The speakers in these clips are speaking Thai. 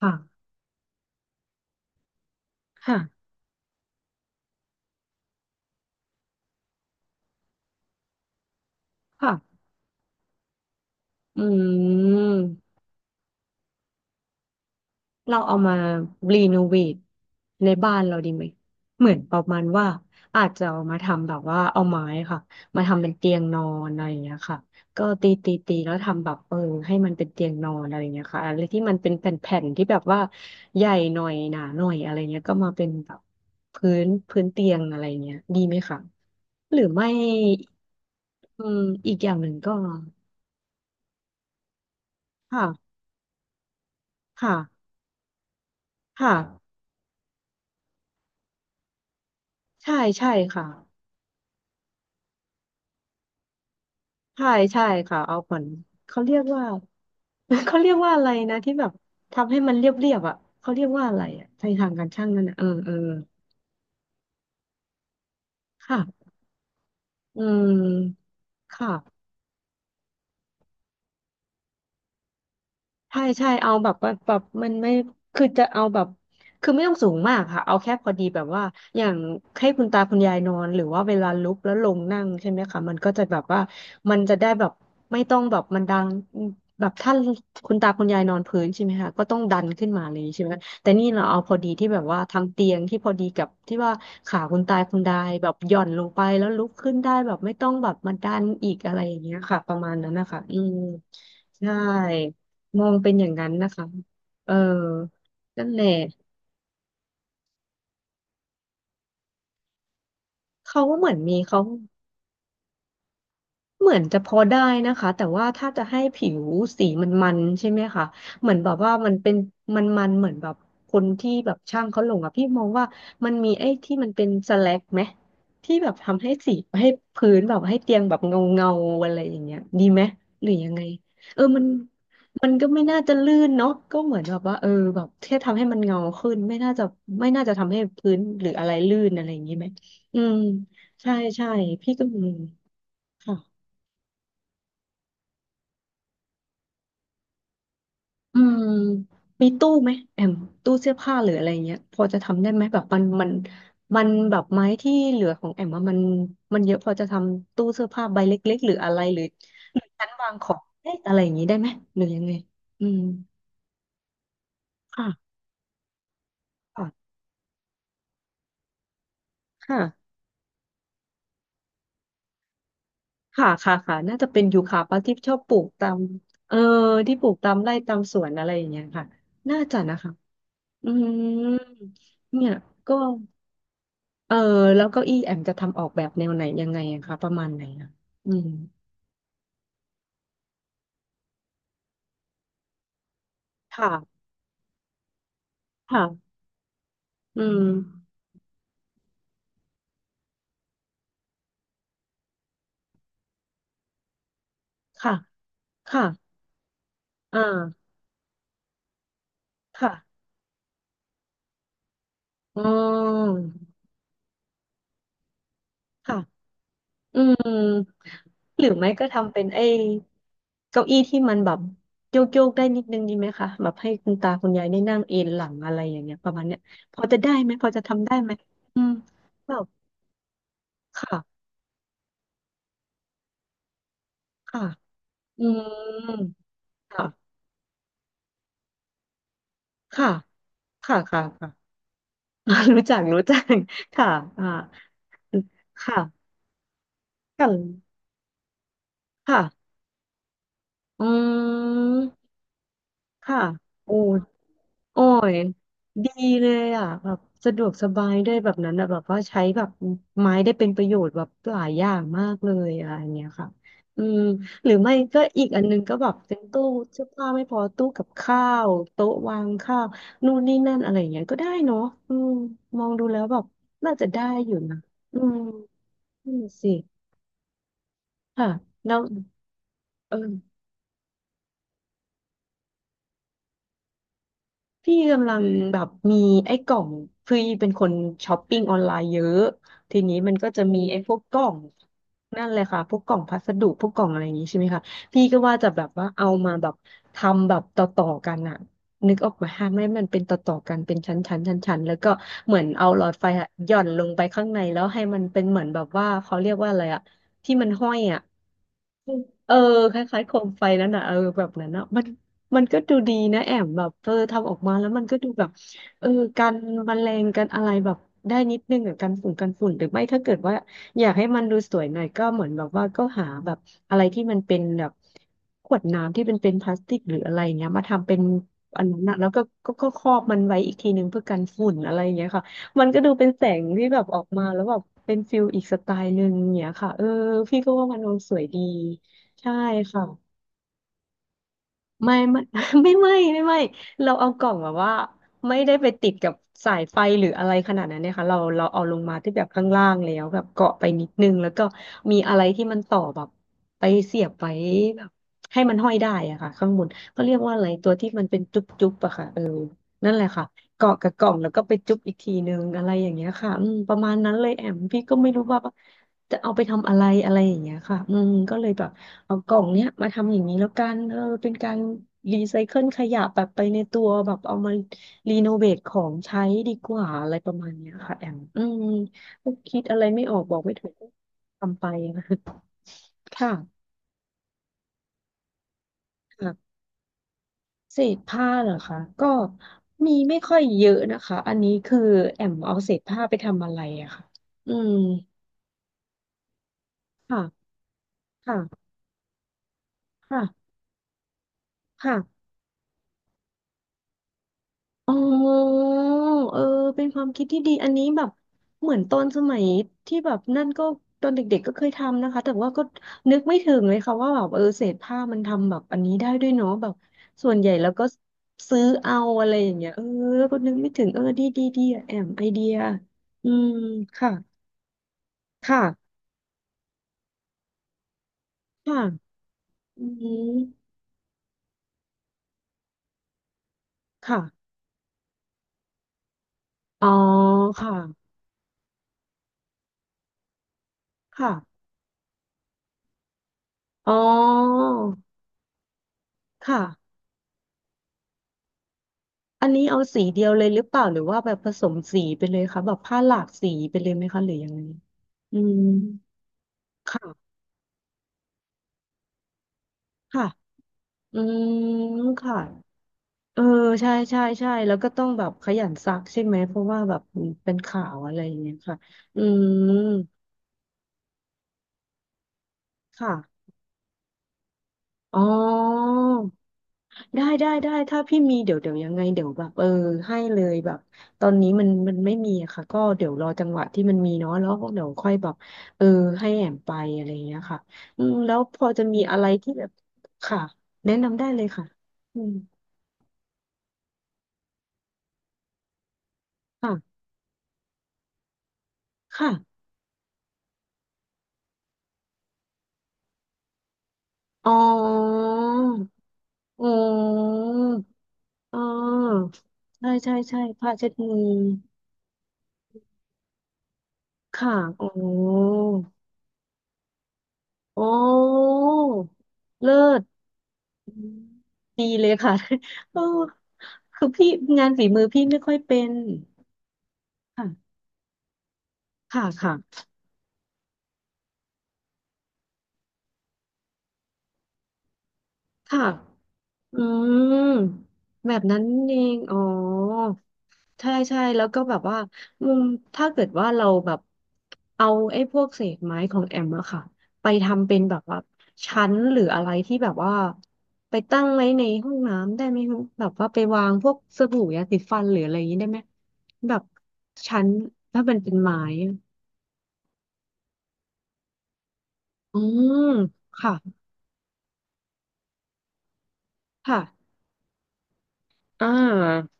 ค่ะค่ะค่ะอืมเราเอามารีโนเวทในบ้านเราดีไหมเหมือนประมาณว่าอาจจะเอามาทำแบบว่าเอาไม้ค่ะมาทำเป็นเตียงนอนอะไรอย่างเงี้ยค่ะก็ตีตีตีแล้วทำแบบให้มันเป็นเตียงนอนอะไรอย่างเงี้ยค่ะอะไรที่มันเป็นแผ่นๆที่แบบว่าใหญ่หน่อยหนาหน่อยอะไรเงี้ยก็มาเป็นแบบพื้นเตียงอะไรเงี้ยดีไหมคะหรือไม่อืมอีกอย่างหนึ่งก็ค่ะค่ะ ค่ะใช่ใช่ค่ะใช่ใช่ค่ะเอาผลเขาเรียกว่า เขาเรียกว่าอะไรนะที่แบบทำให้มันเรียบเรียบอ่ะเขาเรียกว่าอะไรอ่ะในทางการช่างนั่นอ่ะเออเออค่ะอืมค่ะ ใช่ใช่เอาแบบว่าแบบมันไม่คือจะเอาแบบคือไม่ต้องสูงมากค่ะเอาแค่พอดีแบบว่าอย่างให้คุณตาคุณยายนอนหรือว่าเวลาลุกแล้วลงนั่งใช่ไหมคะมันก็จะแบบว่ามันจะได้แบบไม่ต้องแบบมันดังแบบถ้าคุณตาคุณยายนอนพื้นใช่ไหมคะก็ต้องดันขึ้นมาเลยใช่ไหมแต่นี่เราเอาพอดีที่แบบว่าทางเตียงที่พอดีกับที่ว่าขาคุณตาคุณยายแบบหย่อนลงไปแล้วลุกขึ้นได้แบบไม่ต้องแบบมาดันอีกอะไรอย่างเงี้ยค่ะประมาณนั้นนะคะอืมใช่ มองเป็นอย่างนั้นนะคะเออนั่นแหละเขาก็เหมือนมีเขา เหมือนจะพอได้นะคะแต่ว่าถ้าจะให้ผิวสีมันใช่ไหมคะเหมือนแบบว่ามันเป็นมันเหมือนแบบคนที่แบบช่างเขาลงอ่ะพี่มองว่ามันมีไอ้ที่มันเป็นสแลกไหมที่แบบทำให้สีให้พื้นแบบให้เตียงแบบเงาเงาอะไรอย่างเงี้ยดีไหมหรือยังไงเออมันก็ไม่น่าจะลื่นเนาะก็เหมือนแบบว่าแบบแค่ทำให้มันเงาขึ้นไม่น่าจะทำให้พื้นหรืออะไรลื่นอะไรอย่างงี้ไหมอืมใช่ใช่พี่ก็มีค่ะ อืมมีตู้ไหมแอมตู้เสื้อผ้าหรืออะไรเงี้ยพอจะทำได้ไหมแบบมันแบบไม้ที่เหลือของแอมอะมันมันเยอะพอจะทำตู้เสื้อผ้าใบเล็กๆหรืออะไรหรือหรือชั้นวางของเล็กอะไรอย่างนี้ได้ไหมหรือยังไงอืมค่ะค่ะค่ะค่ะค่ะค่ะน่าจะเป็นยูคาปะที่ชอบปลูกตามเออที่ปลูกตามไร่ตามสวนอะไรอย่างเงี้ยค่ะน่าจะนะคะอืมเนี่ยก็ เออแล้วเก้าอี้แอมจะทำออกแบบแนวไหนยังไงอะคะประมาณไหนอะอืมค่ะค่ะอืมค่ะค่ะอ่าค่ะอ๋อค่ะอืมหรือไม่ก็ทำเป็นไอ้เก้าอี้ที่มันแบบโยกโยกได้นิดนึงดีไหมคะแบบให้คุณตาคุณยายได้นั่งเอนหลังอะไรอย่างเงี้ยประมาณเนี้ยพอจะได้ไหมพอจะทำได้ไหมอืมแบบค่ะค่ะอืมค่ะค่ะค่ะค่ะค่ะ อ่า รู้จักรู้จัก ค่ะอ่าค่ะค่ะค่ะอืมค่ะโอ้ยโอ้ยดีเลยอ่ะแบบสะดวกสบายด้วยแบบนั้นอะแบบว่าใช้แบบไม้ได้เป็นประโยชน์แบบหลายอย่างมากเลยอะไรอย่างเงี้ยค่ะอืมหรือไม่ก็อีกอันนึงก็แบบเป็นตู้เสื้อผ้าไม่พอตู้กับข้าวโต๊ะวางข้าวนู่นนี่นั่นอะไรอย่างเงี้ยก็ได้เนาะอืมมองดูแล้วแบบน่าจะได้อยู่นะอืมนั่นสิ ค่ะแล้วเออพี่กำลังแบบมีไอ้กล่องพี่เป็นคนช้อปปิ้งออนไลน์เยอะทีนี้มันก็จะมีไอ้พวกกล่องนั่นเลยค่ะพวกกล่องพัสดุพวกกล่องอะไรอย่างนี้ใช่ไหมคะพี่ก็ว่าจะแบบว่าเอามาแบบทำแบบต่อๆกันอะนึกออกไหมาฮะไม่ให้มันเป็นต่อๆกันเป็นชั้นๆชั้นๆแล้วก็เหมือนเอาหลอดไฟอะหย่อนลงไปข้างในแล้วให้มันเป็นเหมือนแบบว่าเขาเรียกว่าอะไรอะที่มันห้อยอะ เออคล้ายๆโคมไฟแล้วนะเออแบบนั้นนะมันก็ดูดีนะแอมแบบเออทำออกมาแล้วมันก็ดูแบบเออกันแมลงกันอะไรแบบได้นิดนึงอะกันฝุ่นหรือไม่ถ้าเกิดว่าอยากให้มันดูสวยหน่อยก็เหมือนแบบว่าก็หาแบบอะไรที่มันเป็นแบบขวดน้ำที่เป็นพลาสติกหรืออะไรเงี้ยมาทำเป็นอันนั้นนะแล้วก็ครอบมันไว้อีกทีนึงเพื่อกันฝุ่นอะไรอย่างเงี้ยค่ะมันก็ดูเป็นแสงที่แบบออกมาแล้วแบบเป็นฟิลอีกสไตล์หนึ่งอย่างเงี้ยค่ะเออพี่ก็ว่ามันดูสวยดี ใช่ค่ะไม่ ไม่ไม่ไม่ไม่เราเอากล่องแบบว่าไม่ได้ไปติดกับสายไฟหรืออะไรขนาดนั้นเนี่ยค่ะเราเอาลงมาที่แบบข้างล่างแล้วแบบเกาะไปนิดนึงแล้วก็มีอะไรที่มันต่อแบบไปเสียบไว้แบบให้มันห้อยได้อะค่ะข้างบนเขาเรียกว่าอะไรตัวที่มันเป็นจุ๊บๆอะค่ะ นั่นแหละค่ะเกาะกับกล่องแล้วก็ไปจุ๊บอีกทีนึงอะไรอย่างเงี้ยค่ะอืมประมาณนั้นเลยแอมพี่ก็ไม่รู้ว่าจะเอาไปทำอะไรอะไรอย่างเงี้ยค่ะอืมก็เลยแบบเอากล่องเนี้ยมาทำอย่างนี้แล้วกันเออเป็นการรีไซเคิลขยะแบบไปในตัวแบบเอามารีโนเวทของใช้ดีกว่าอะไรประมาณเนี้ยค่ะแอมอืมก็คิดอะไรไม่ออกบอกไม่ถูกก็ทำไปนะ ค่ะค่ะ เศษผ้าเหรอคะก็มีไม่ค่อยเยอะนะคะอันนี้คือแอมเอาเศษผ้าไปทำอะไรอะค่ะอืมค่ะค่ะค่ะค่ะอ๋อเออเป็นความคิดที่ดีอันนี้แบบเหมือนตอนสมัยที่แบบนั่นก็ตอนเด็กๆก็เคยทำนะคะแต่ว่าก็นึกไม่ถึงเลยค่ะว่าแบบเออเศษผ้ามันทำแบบอันนี้ได้ด้วยเนาะแบบส่วนใหญ่แล้วก็ซื้อเอาอะไรอย่างเงี้ยเออก็นึกไม่ถึงเออดีอะแอมไอเดียอืมค่ะค่ะ ค่ะอืมค่ะอ๋อค่ะค่ะอ๋อค่ะอันนี้เอาสีเดียวเลยหรือเปล่าหรือว่าแบบผสมสีไปเลยคะแบบผ้าหลากสีไปเลยไหมคะหรือยังไงอืมค่ะค่ะอืมค่ะเออใช่แล้วก็ต้องแบบขยันซักใช่ไหมเพราะว่าแบบเป็นข่าวอะไรอย่างเงี้ยค่ะอืมค่ะอ๋อ ได้ถ้าพี่มีเดี๋ยวยังไงเดี๋ยวแบบเออให้เลยแบบตอนนี้มันไม่มีอะค่ะก็เดี๋ยวรอจังหวะที่มันมีเนาะแล้วเดี๋ยวค่อยแบบเออให้แอมไปอะไรอย่างเงี้ยค่ะอืมแล้วพอจะมีอะไรที่แบบค่ะแนะนำได้เลยค่ะอืมค่ะค่ะอ๋ออืมอ๋อใช่ผ้าเช็ดมือค่ะอ๋ออ๋อเลิศ อืมดีเลยค่ะ โอ้คือพี่งานฝีมือพี่ไม่ค่อยเป็นค่ะค่ะค่ะค่ะ อืมแบบนั้นเองอ๋อใช่ใช่แล้วก็แบบว่ามุมถ้าเกิดว่าเราแบบเอาไอ้พวกเศษไม้ของแอมอะค่ะไปทำเป็นแบบว่าชั้นหรืออะไรที่แบบว่าไปตั้งไว้ในห้องน้ำได้ไหมคะแบบว่าไปวางพวกสบู่ยาสีฟันหรืออะไรอย่างนี้ได้ไหมแบบชั้นถ้ามันเป็นไม้อะอืมค่ะค่ะอ่า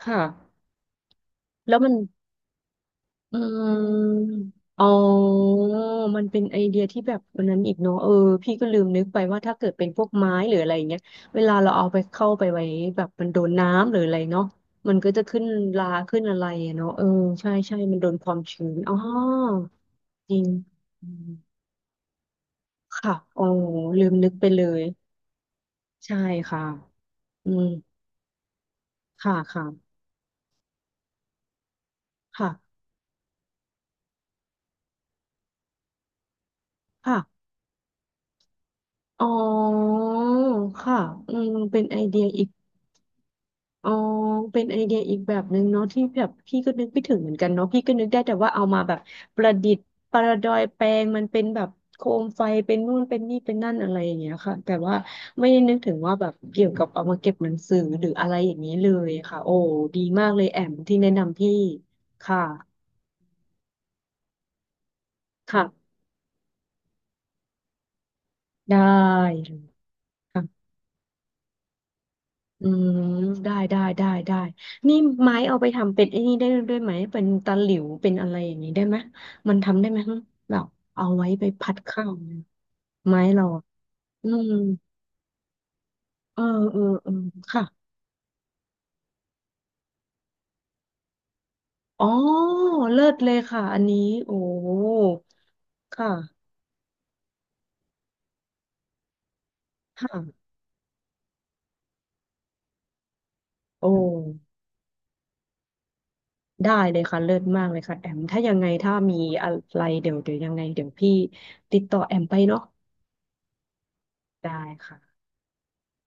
ค่ะแล้วมัน อืมอ๋อมันเป็นไอเดียที่แบบวันนั้นอีกเนาะเออพี่ก็ลืมนึกไปว่าถ้าเกิดเป็นพวกไม้หรืออะไรอย่างเงี้ยเวลาเราเอาไปเข้าไปไว้แบบมันโดนน้ำหรืออะไรเนาะมันก็จะขึ้นราขึ้นอะไรอะเนาะเออใช่ใช่มันโดนความชื้นอ๋อจริงอืมค่ะอ๋อลืมนึกไปเลยใช่ค่ะอืมค่ะค่ะค่ะค่ะอ๋อค่ะอืมเป็นไอเดียอีก อ๋อเป็นไอเดียอีกแบบหนึ่งเนาะที่แบบพี่ก็นึกไม่ถึงเหมือนกันเนาะพี่ก็นึกได้แต่ว่าเอามาแบบประดิษฐ์ประดอยแปลงมันเป็นแบบโคมไฟเป็นนู่นเป็นนี่เป็นนั่นอะไรอย่างเงี้ยค่ะแต่ว่าไม่ได้นึกถึงว่าแบบเกี่ยวกับเอามาเก็บหนังสือหรืออะไรอย่างนี้เลยค่ะโอ้ดีมากเลยแอมที่แนะนำพี่ค่ะค่ะได้เลยค่ะ อืมได้นี่ไม้เอาไปทำเป็นไอ้นี่ได้ด้วยไหมเป็นตะหลิวเป็นอะไรอย่างนี้ได้ไหมมันทำได้ไหมฮะแบบเอาไว้ไปพัดข้าวเนี่ยไม้เราอะอืมเออเออเออค่ะอ๋อเลิศเลยค่ะอันนี้โอ้ค่ะค่ะโอ้ได้เลยค่ะเลิศมากเลยค่ะแอมถ้ายังไงถ้ามีอะไรเดี๋ยวยังไงเดี๋ยวพี่ติดต่อแอมไปเนาะได้ค่ะ